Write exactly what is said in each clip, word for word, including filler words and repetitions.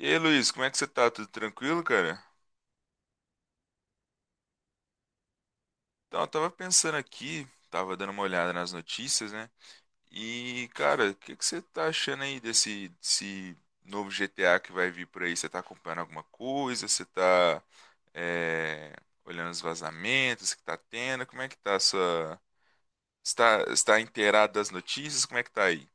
E aí, Luiz, como é que você tá? Tudo tranquilo, cara? Então, eu tava pensando aqui, tava dando uma olhada nas notícias, né? E, cara, o que que você tá achando aí desse, desse novo G T A que vai vir por aí? Você tá acompanhando alguma coisa? Você tá, é, olhando os vazamentos que tá tendo? Como é que tá a sua... Está, está inteirado das notícias? Como é que tá aí?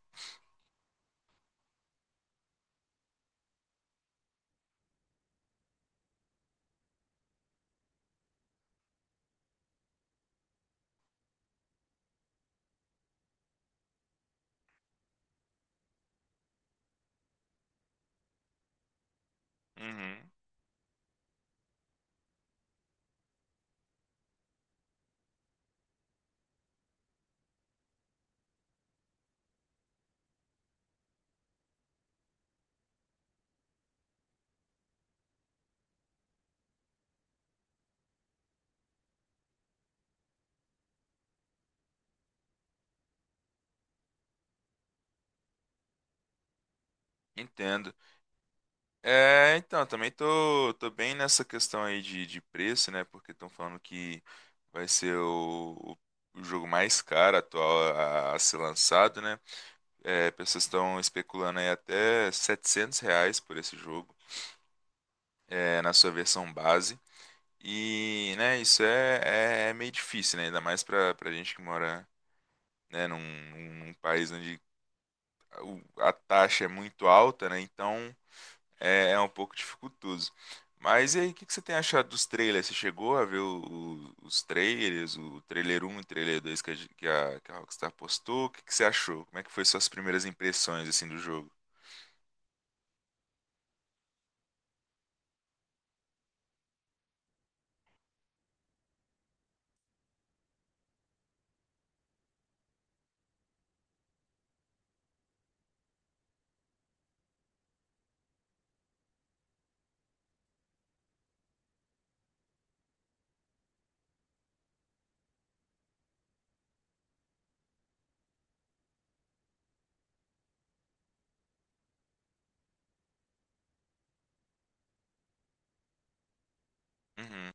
Uhum. Entendo. É, então, também tô, tô bem nessa questão aí de, de preço, né? Porque estão falando que vai ser o, o jogo mais caro atual a, a ser lançado, né? É, pessoas estão especulando aí até setecentos reais por esse jogo, é, na sua versão base. E, né, isso é, é, é meio difícil, né? Ainda mais pra, pra gente que mora, né, num, num num país onde a o- a taxa é muito alta, né? Então. é, é um pouco dificultoso. Mas e aí, o que que você tem achado dos trailers? Você chegou a ver o- o- os trailers, o trailer um, e o trailer dois que a, gen- que a- que a Rockstar postou? O que que você achou? Como é que foi suas primeiras impressões assim do jogo? Uhum.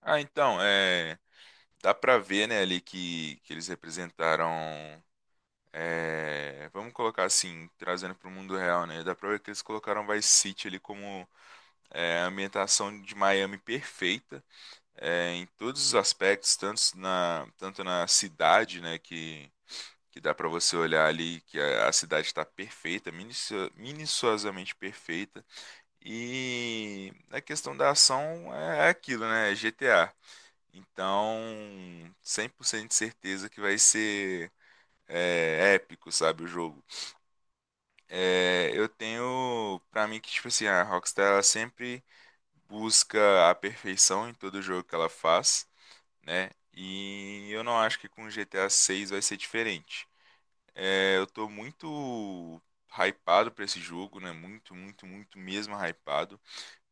Ah, então, é, dá pra ver, né, ali que, que eles representaram, é, vamos colocar assim, trazendo pro mundo real, né. Dá pra ver que eles colocaram Vice City ali como, é, a ambientação de Miami perfeita, é, em todos os aspectos, tanto na, tanto na cidade, né, que, que dá para você olhar ali que a, a cidade está perfeita, minicio- minuciosamente perfeita, e a questão da ação é é aquilo, né, é G T A. Então, cem por cento de certeza que vai ser, é, épico, sabe, o jogo. É, eu tenho pra mim que, tipo assim, a Rockstar ela sempre busca a perfeição em todo jogo que ela faz, né? E eu não acho que com G T A seis vai ser diferente. É, eu tô muito hypado pra esse jogo, né? Muito, muito, muito mesmo hypado,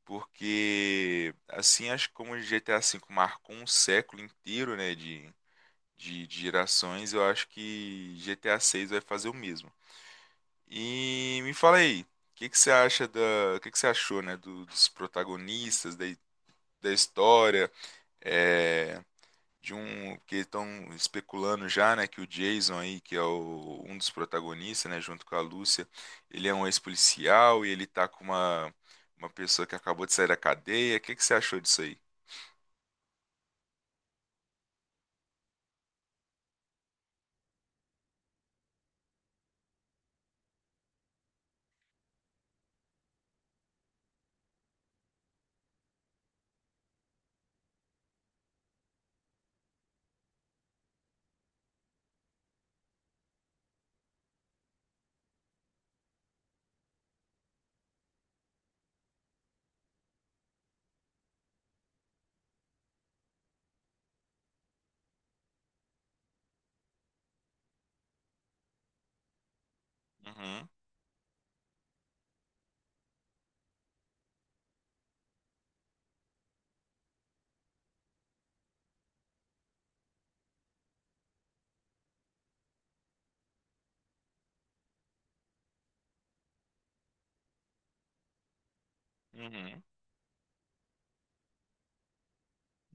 porque assim, acho que como o G T A V marcou um século inteiro, né, de, de, de gerações, eu acho que G T A seis vai fazer o mesmo. E me fala aí, o que que você acha da, o que que você achou, né, do- dos protagonistas, da, da história. É, de um que estão especulando já, né, que o Jason aí, que é o- um dos protagonistas, né, junto com a Lúcia, ele é um ex-policial e ele tá com uma uma pessoa que acabou de sair da cadeia. O que que você achou disso aí? Uhum, uhum,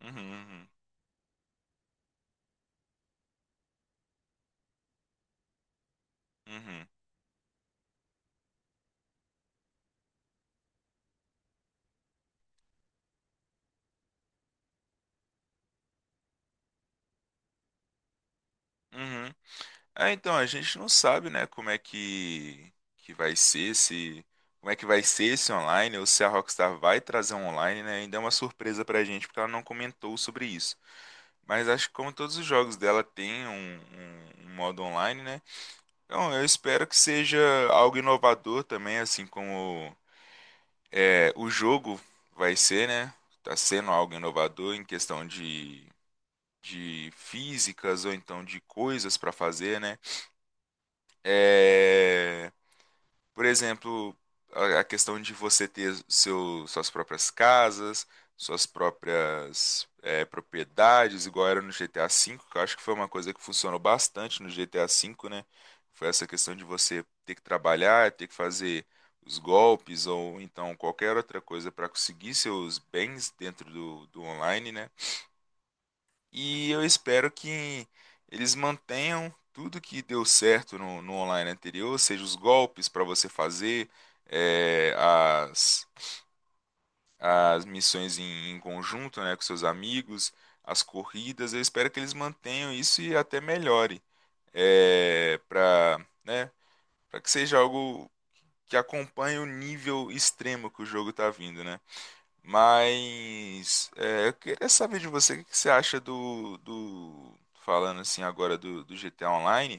uhum, uhum, uhum, uhum. É, então, a gente não sabe, né, como é que, que vai ser se como é que vai ser esse online, ou se a Rockstar vai trazer um online, né? Ainda é uma surpresa pra gente, porque ela não comentou sobre isso. Mas acho que como todos os jogos dela tem um, um- um modo online, né? Então eu espero que seja algo inovador também, assim como, é, o jogo vai ser, né? Tá sendo algo inovador em questão de, de físicas ou então de coisas pra fazer, né? É, por exemplo, a a questão de você ter seu, suas próprias casas, suas próprias, eh, propriedades, igual era no G T A V, que eu acho que foi uma coisa que funcionou bastante no G T A V, né? Foi essa questão de você ter que trabalhar, ter que fazer os golpes ou então qualquer outra coisa para conseguir seus bens dentro do, do online, né? E eu espero que eles mantenham tudo que deu certo no, no online anterior, seja os golpes para você fazer, eh, as, as missões em, em conjunto, né, com seus amigos, as corridas. Eu espero que eles mantenham isso e até melhore, é, para, né, para que seja algo que acompanhe o nível extremo que o jogo está vindo, né? Mas é, eu queria saber de você, o que que você acha do, do falando assim agora do, do G T A Online.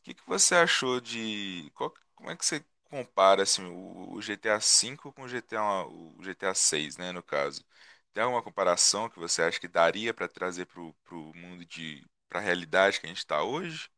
O que que você achou de, qual- como é que você compara assim o, o G T A V com o G T A o G T A seis, né, no caso? Tem alguma comparação que você acha que daria para trazer pro, pro mundo de para a realidade que a gente está hoje?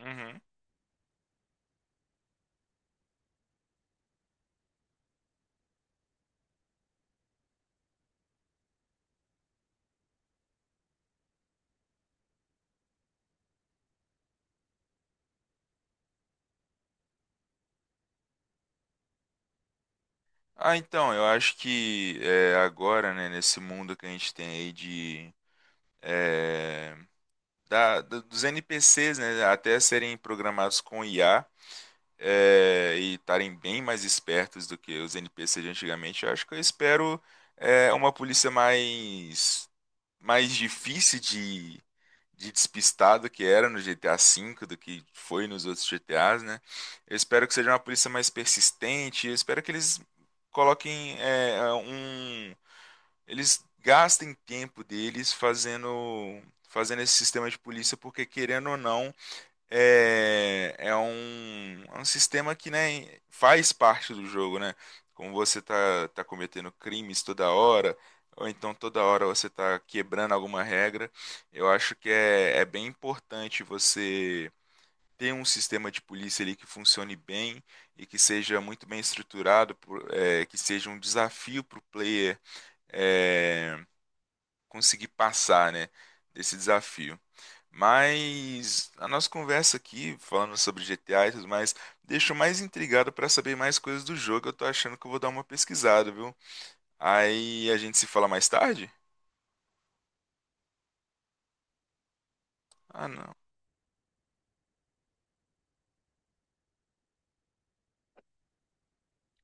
Uhum. Ah, então, eu acho que, é, agora, né, nesse mundo que a gente tem aí de é, da- do- dos N P Cs, né, até serem programados com I A, é, e estarem bem mais espertos do que os N P Cs de antigamente, eu acho que eu espero, é, uma polícia mais, mais, difícil de, de despistar do que era no G T A V, do que foi nos outros G T As, né? Eu espero que seja uma polícia mais persistente, eu espero que eles coloquem, é, um eles gastem tempo deles fazendo, fazendo esse sistema de polícia, porque querendo ou não, é, é um, é um sistema que, né, faz parte do jogo, né. Como você tá, tá cometendo crimes toda hora, ou então toda hora você tá quebrando alguma regra, eu acho que é, é bem importante você ter um sistema de polícia ali que funcione bem e que seja muito bem estruturado, por- é, que seja um desafio para o player, é, conseguir passar, né, desse desafio. Mas a nossa conversa aqui, falando sobre G T A e tudo mais, deixou mais intrigado para saber mais coisas do jogo. Eu tô achando que eu vou dar uma pesquisada, viu? Aí a gente se fala mais tarde? Ah, não.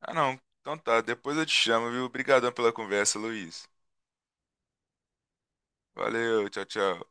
Ah, não. Então tá, depois eu te chamo, viu? Obrigadão pela conversa, Luiz. Valeu, tchau, tchau.